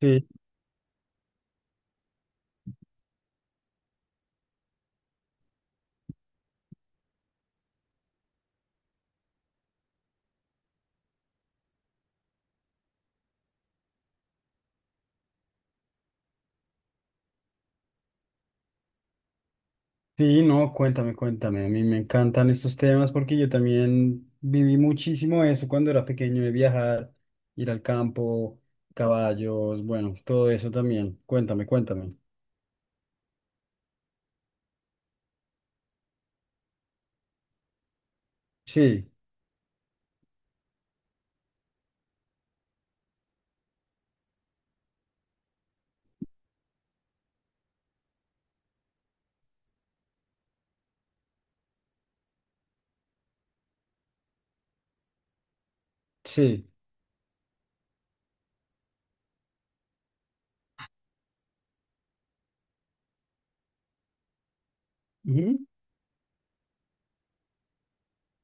Sí, sí, no, cuéntame, cuéntame. A mí me encantan estos temas porque yo también viví muchísimo eso cuando era pequeño, de viajar, ir al campo, caballos, bueno, todo eso también. Cuéntame, cuéntame. Sí, sí.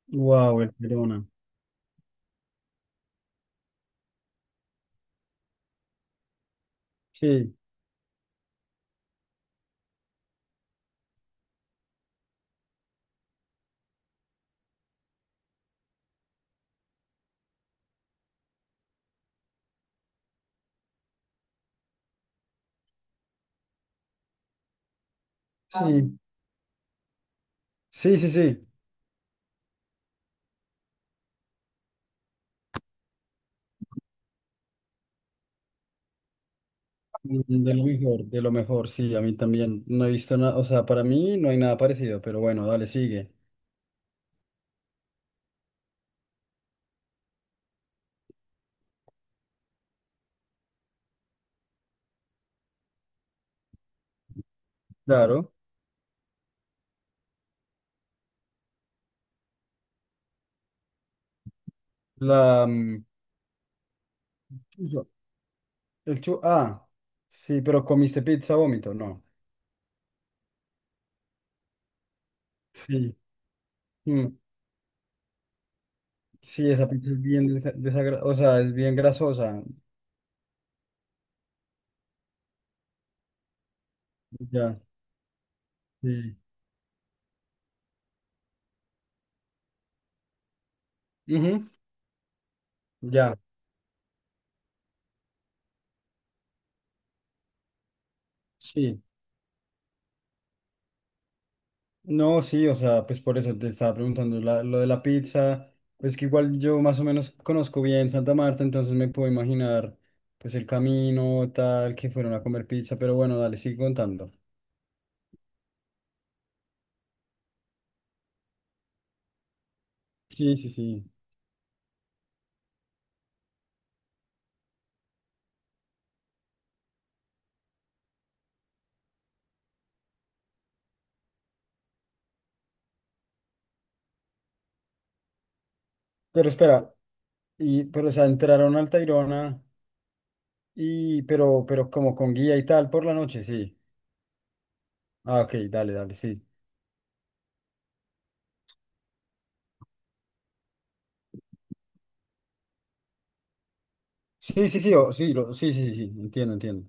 Wow, el Verona. Sí, sí, sí. De lo mejor, sí, a mí también. No he visto nada, o sea, para mí no hay nada parecido, pero bueno, dale, sigue. Claro, la... mm, El chu, ah, sí, pero comiste pizza vómito, no. Sí, mm, sí, esa pizza es bien desagradable, o sea, es bien grasosa. Ya, sí. Ujú, ya, sí. No, sí, o sea, pues por eso te estaba preguntando lo de la pizza. Pues que igual yo más o menos conozco bien Santa Marta, entonces me puedo imaginar, pues el camino, tal, que fueron a comer pizza, pero bueno, dale, sigue contando. Sí, sí, sí. Pero espera, pero o sea, entraron al Tayrona. Pero como con guía y tal por la noche, sí. Ah, ok, dale, dale, sí. Sí, sí, sí, o- sí, lo- sí, sí, sí, sí, entiendo, entiendo.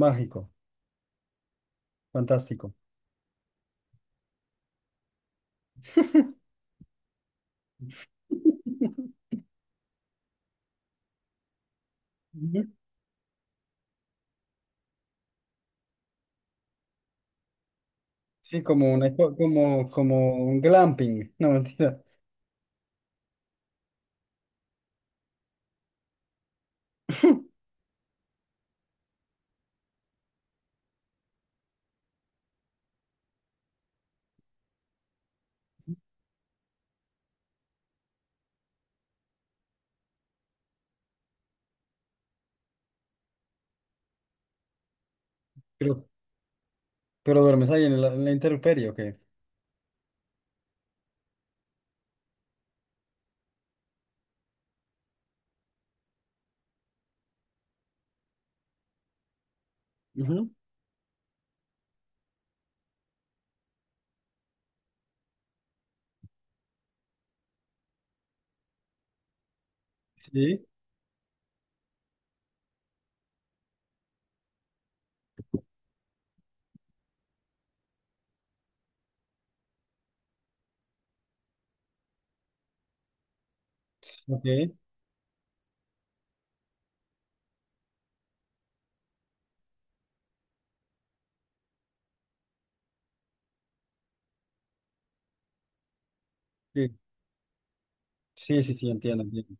Mágico, fantástico. Ujú. Sí, como, como un glamping, no mentira. Pero, pero duermes ahí en en la intemperie, ok. Ujú. Sí, ok, sí, sí, entiendo, entiendo.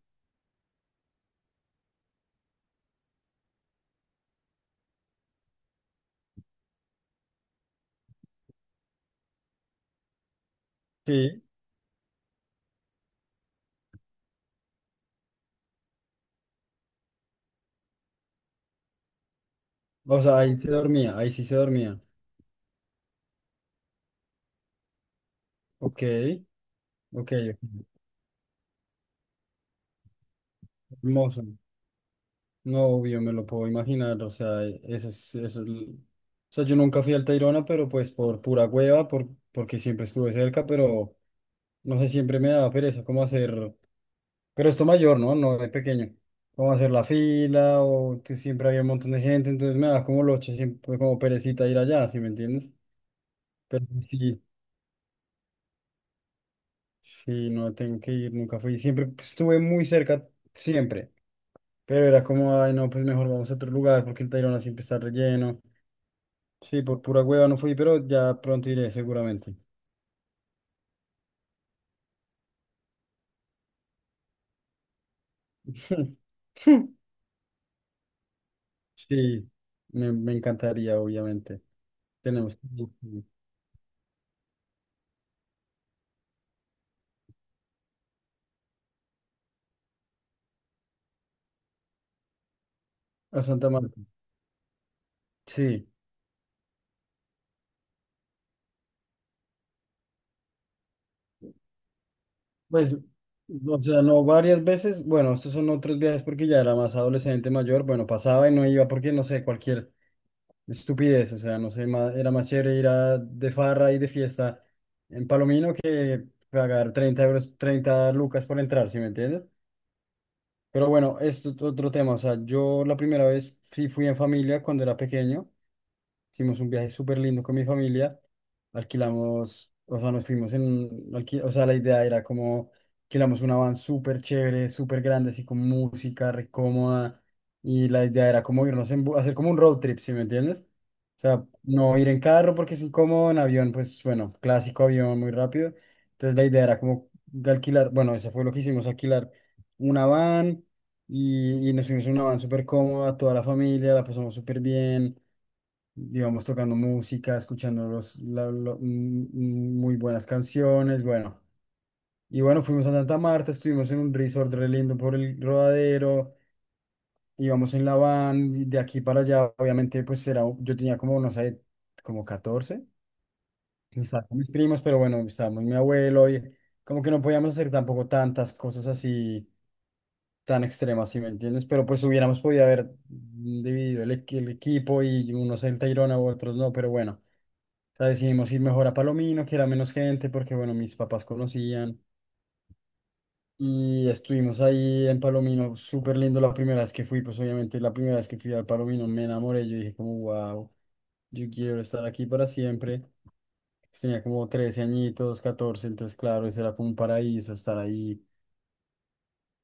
Sí, o sea, ahí se dormía, ahí sí se dormía. Ok, ok, ok, hermoso. No, obvio me lo puedo imaginar, o sea, eso es o sea, yo nunca fui al Tayrona, pero pues por pura hueva, por, porque siempre estuve cerca, pero no sé, siempre me daba pereza cómo hacer, pero esto mayor, ¿no? No de pequeño, cómo hacer la fila, o que siempre había un montón de gente, entonces me daba como loche, siempre como perecita ir allá, ¿sí me entiendes? Pero sí, sí, no tengo que ir, nunca fui, siempre pues, estuve muy cerca, siempre, pero era como, ay, no, pues mejor vamos a otro lugar, porque el Tayrona siempre está relleno. Sí, por pura hueva no fui, pero ya pronto iré, seguramente. Sí, me encantaría, obviamente. Tenemos que ir sí, a Santa Marta. Sí, pues, o sea, no varias veces. Bueno, estos son otros viajes porque ya era más adolescente, mayor. Bueno, pasaba y no iba porque, no sé, cualquier estupidez. O sea, no sé, era más chévere ir a, de farra y de fiesta en Palomino que pagar 30 euros, 30 lucas por entrar, ¿sí me entiendes? Pero bueno, esto es otro tema. O sea, yo la primera vez sí fui en familia cuando era pequeño. Hicimos un viaje súper lindo con mi familia. Alquilamos, o sea, nos fuimos en un o sea, la idea era como alquilamos una van súper chévere, súper grande, así con música, re cómoda. Y la idea era como irnos en, hacer como un road trip, ¿sí me entiendes? O sea, no ir en carro porque es incómodo, en avión, pues bueno, clásico avión, muy rápido. Entonces la idea era como de alquilar, bueno, eso fue lo que hicimos, alquilar una van y nos fuimos en una van súper cómoda, toda la familia, la pasamos súper bien digamos, tocando música, escuchando los, la- lo- mm, mm, muy buenas canciones, bueno. Y bueno, fuimos a Santa Marta, estuvimos en un resort re lindo por el Rodadero, íbamos en la van, y de aquí para allá, obviamente, pues era, yo tenía como, no sé, como 14 y estaba con mis primos, pero bueno, estábamos mi abuelo, y como que no podíamos hacer tampoco tantas cosas así tan extremas, ¿si me entiendes? Pero pues hubiéramos podido haber dividido el equipo y unos en Tayrona u otros no, pero bueno. O sea, decidimos ir mejor a Palomino, que era menos gente, porque bueno, mis papás conocían. Y estuvimos ahí en Palomino, súper lindo la primera vez que fui, pues obviamente la primera vez que fui al Palomino me enamoré, yo dije como, wow, yo quiero estar aquí para siempre. Pues tenía como 13 añitos, 14 entonces claro, ese era como un paraíso estar ahí.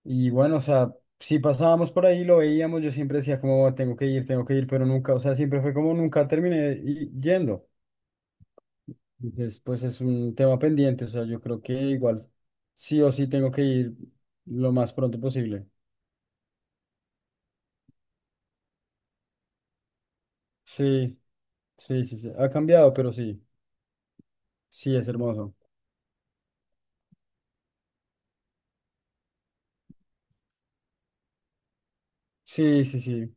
Y bueno, o sea, si pasábamos por ahí, lo veíamos, yo siempre decía como, tengo que ir, pero nunca, o sea, siempre fue como, nunca terminé yendo. Entonces, pues es un tema pendiente, o sea, yo creo que igual sí o sí tengo que ir lo más pronto posible. Sí, sí, ha cambiado, pero sí, sí, es hermoso. Sí, sí, sí,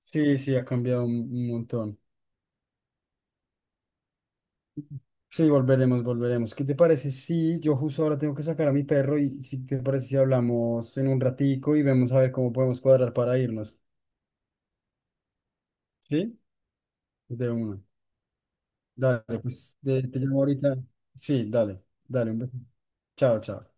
sí, ha cambiado un montón. Sí, volveremos, volveremos. ¿Qué te parece? Sí, yo justo ahora tengo que sacar a mi perro y si te parece si hablamos en un ratico y vemos a ver cómo podemos cuadrar para irnos. ¿Sí? De una. Dale, pues te llamo ahorita. Sí, dale, dale, un beso. Chao, chao.